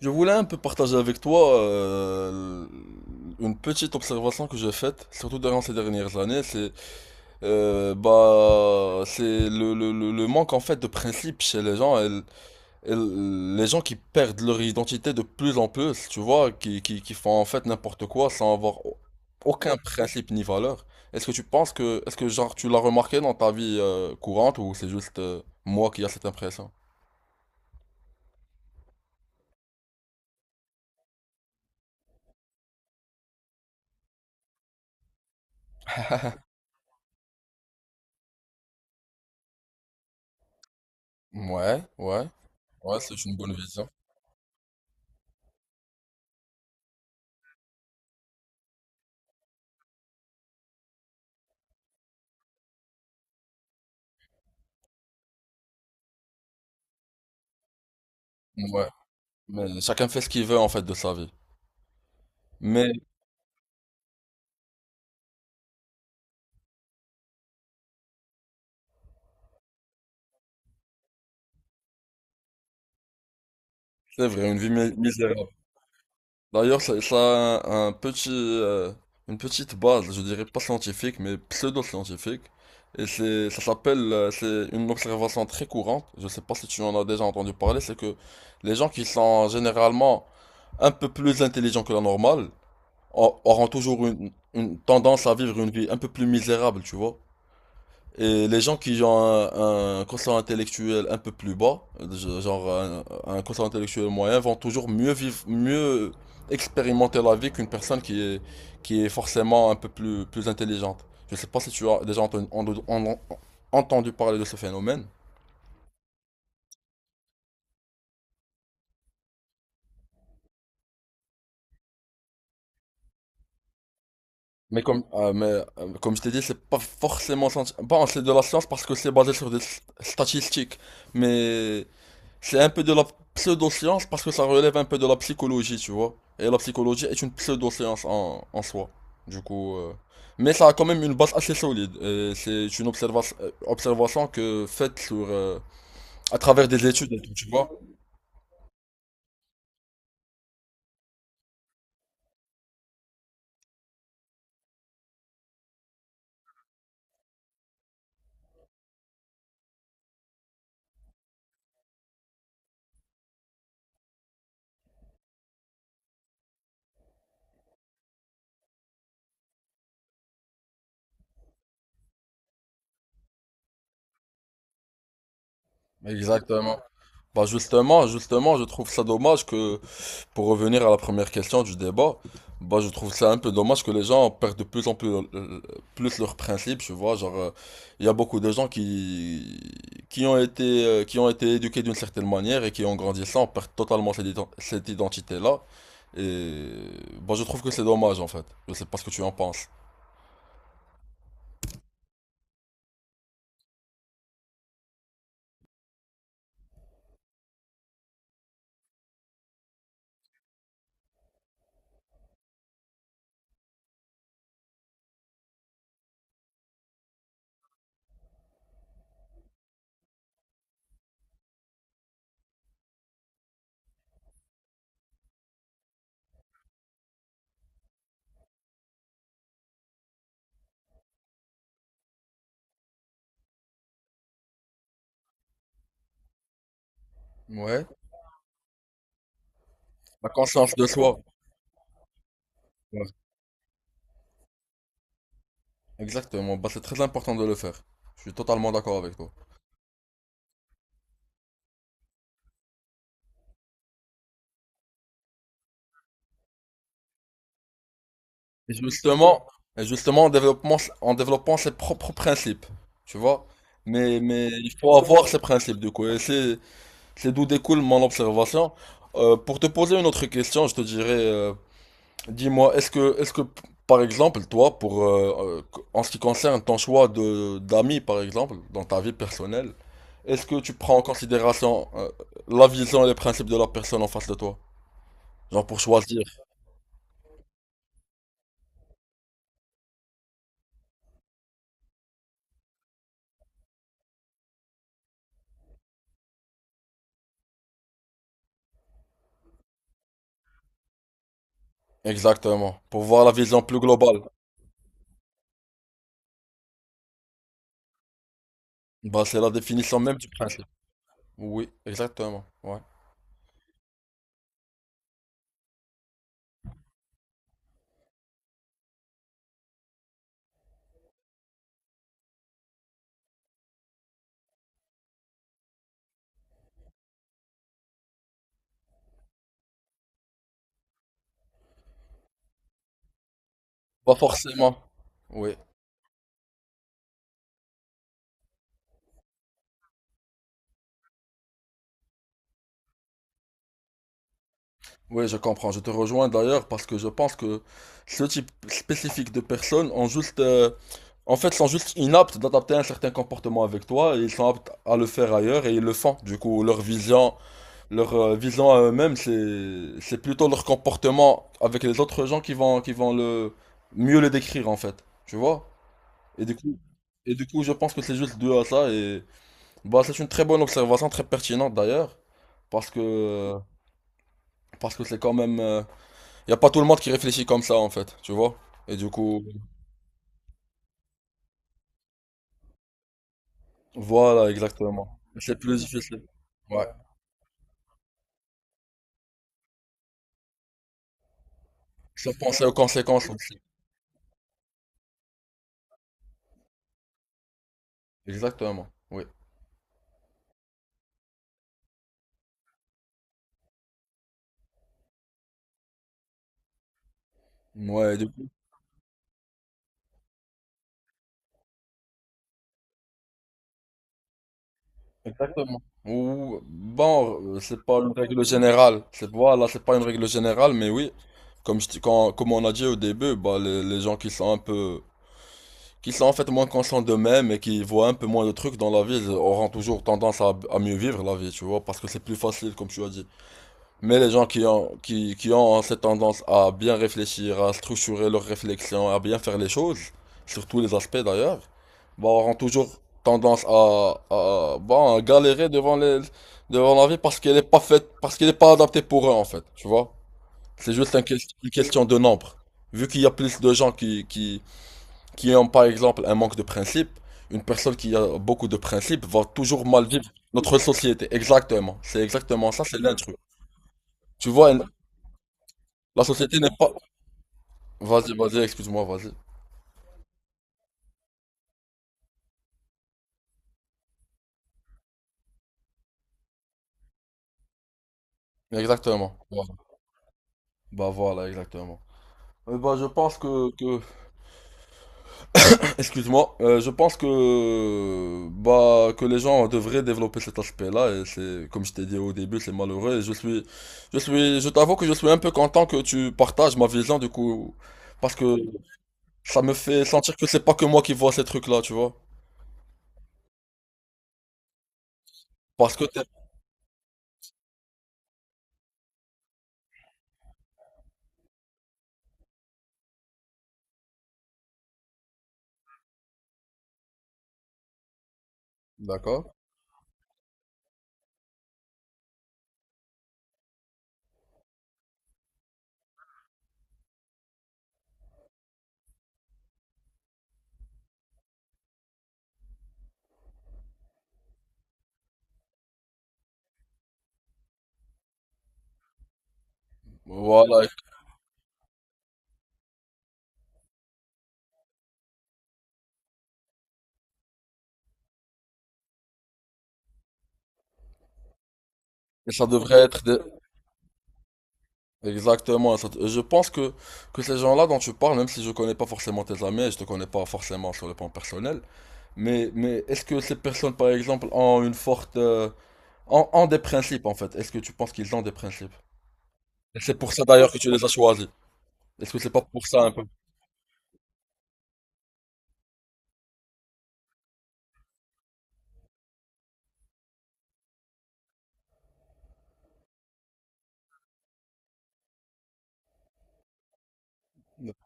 Je voulais un peu partager avec toi une petite observation que j'ai faite, surtout durant ces dernières années, c'est c'est le manque en fait de principe chez les gens, et, les gens qui perdent leur identité de plus en plus, tu vois, qui font en fait n'importe quoi sans aucun principe ni valeur. Est-ce que tu penses que est-ce que genre tu l'as remarqué dans ta vie courante, ou c'est juste moi qui a cette impression? Ouais, ouais, ouais, c'est une bonne vision. Ouais. Mais chacun fait ce qu'il veut en fait de sa vie. Mais c'est vrai, une vie misérable. D'ailleurs, ça a un petit, une petite base, je dirais pas scientifique, mais pseudo-scientifique. Et c'est, ça s'appelle, c'est une observation très courante. Je sais pas si tu en as déjà entendu parler, c'est que les gens qui sont généralement un peu plus intelligents que la normale auront toujours une tendance à vivre une vie un peu plus misérable, tu vois. Et les gens qui ont un quotient intellectuel un peu plus bas, genre un quotient intellectuel moyen, vont toujours mieux vivre, mieux expérimenter la vie qu'une personne qui est forcément un peu plus intelligente. Je sais pas si tu as déjà en- entendu parler de ce phénomène, mais comme je t'ai dit, c'est pas forcément... Bon, c'est de la science parce que c'est basé sur des statistiques, mais... C'est un peu de la pseudo-science parce que ça relève un peu de la psychologie, tu vois. Et la psychologie est une pseudo-science en soi. Du coup, mais ça a quand même une base assez solide. Et c'est une observation que faite sur à travers des études et tout, tu vois. Exactement. Bah justement, justement, je trouve ça dommage que, pour revenir à la première question du débat, bah je trouve ça un peu dommage que les gens perdent de plus en plus, euh, plus leurs principes, tu vois, genre, il y a beaucoup de gens qui ont été éduqués d'une certaine manière et qui en grandissant perdent totalement cette, cette identité-là, et bah je trouve que c'est dommage en fait, je sais pas ce que tu en penses. Ouais, la conscience de soi. Ouais. Exactement, bah c'est très important de le faire, je suis totalement d'accord avec toi. Et justement, et justement en développant ses propres principes, tu vois. Mais il faut avoir ces principes, du coup. Et c'est d'où découle mon observation. Pour te poser une autre question, je te dirais, dis-moi, par exemple, toi, pour, en ce qui concerne ton choix de, d'amis, par exemple, dans ta vie personnelle, est-ce que tu prends en considération, la vision et les principes de la personne en face de toi? Genre pour choisir. Exactement. Pour voir la vision plus globale. Bah, c'est la définition même du principe. Oui, exactement. Ouais. Pas forcément. Oui, oui, je comprends. Je te rejoins d'ailleurs parce que je pense que ce type spécifique de personnes ont juste, en fait, sont juste inaptes d'adapter un certain comportement avec toi et ils sont aptes à le faire ailleurs et ils le font. Du coup, leur vision à eux-mêmes, c'est plutôt leur comportement avec les autres gens qui vont le mieux le décrire en fait. Tu vois? Et du coup, et du coup, je pense que c'est juste dû à ça et bah, c'est une très bonne observation, très pertinente d'ailleurs, parce que parce que c'est quand même, il y a pas tout le monde qui réfléchit comme ça en fait, tu vois. Et du coup, voilà, exactement. C'est plus difficile. Ouais. Sans penser aux conséquences aussi. Exactement. Oui. Ouais, du coup. Exactement. Ou bon, c'est pas une règle générale. C'est voilà, c'est pas une règle générale, mais oui. Comme comme on a dit au début, bah les gens qui sont un peu qui sont en fait moins conscients d'eux-mêmes et qui voient un peu moins de trucs dans la vie, auront toujours tendance à mieux vivre la vie, tu vois, parce que c'est plus facile, comme tu as dit. Mais les gens qui ont cette tendance à bien réfléchir, à structurer leurs réflexions, à bien faire les choses, sur tous les aspects d'ailleurs, bah, auront toujours tendance bah, à galérer devant devant la vie parce qu'elle n'est pas faite, parce qu'elle n'est pas adaptée pour eux, en fait, tu vois. C'est juste un une question de nombre. Vu qu'il y a plus de gens qui ont par exemple un manque de principe, une personne qui a beaucoup de principes va toujours mal vivre notre société. Exactement. C'est exactement ça, c'est l'intrus. Tu vois, la société n'est pas... Vas-y, vas-y, excuse-moi, vas-y. Exactement. Voilà. Bah voilà, exactement. Bah je pense que... excuse-moi, je pense que bah que les gens devraient développer cet aspect-là et c'est comme je t'ai dit au début, c'est malheureux et je suis je t'avoue que je suis un peu content que tu partages ma vision du coup parce que ça me fait sentir que c'est pas que moi qui vois ces trucs-là, tu vois. Parce que t'es... D'accord. Voilà, et ça devrait exactement ça. Je pense que ces gens-là dont tu parles, même si je connais pas forcément tes amis, et je te connais pas forcément sur le plan personnel, mais est-ce que ces personnes, par exemple, ont une forte... ont, ont des principes, en fait? Est-ce que tu penses qu'ils ont des principes? Et c'est pour ça, d'ailleurs, que tu les as choisis. Est-ce que c'est pas pour ça, un peu?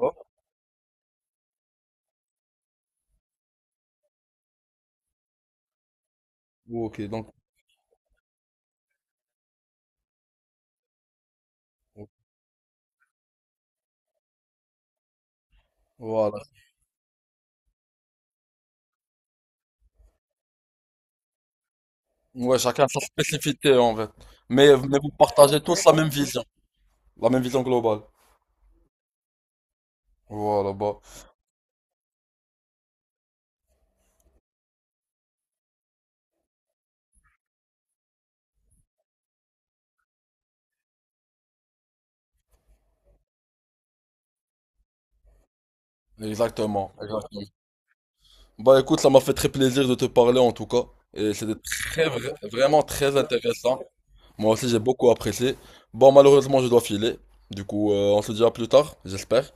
Oh, ok, donc, voilà. Ouais, chacun sa spécificité, en fait. Mais vous partagez tous la même vision. La même vision globale. Voilà, bah. Exactement, exactement. Bah écoute, ça m'a fait très plaisir de te parler en tout cas. Et c'était très, vraiment très intéressant. Moi aussi, j'ai beaucoup apprécié. Bon, malheureusement, je dois filer. Du coup, on se dit à plus tard, j'espère.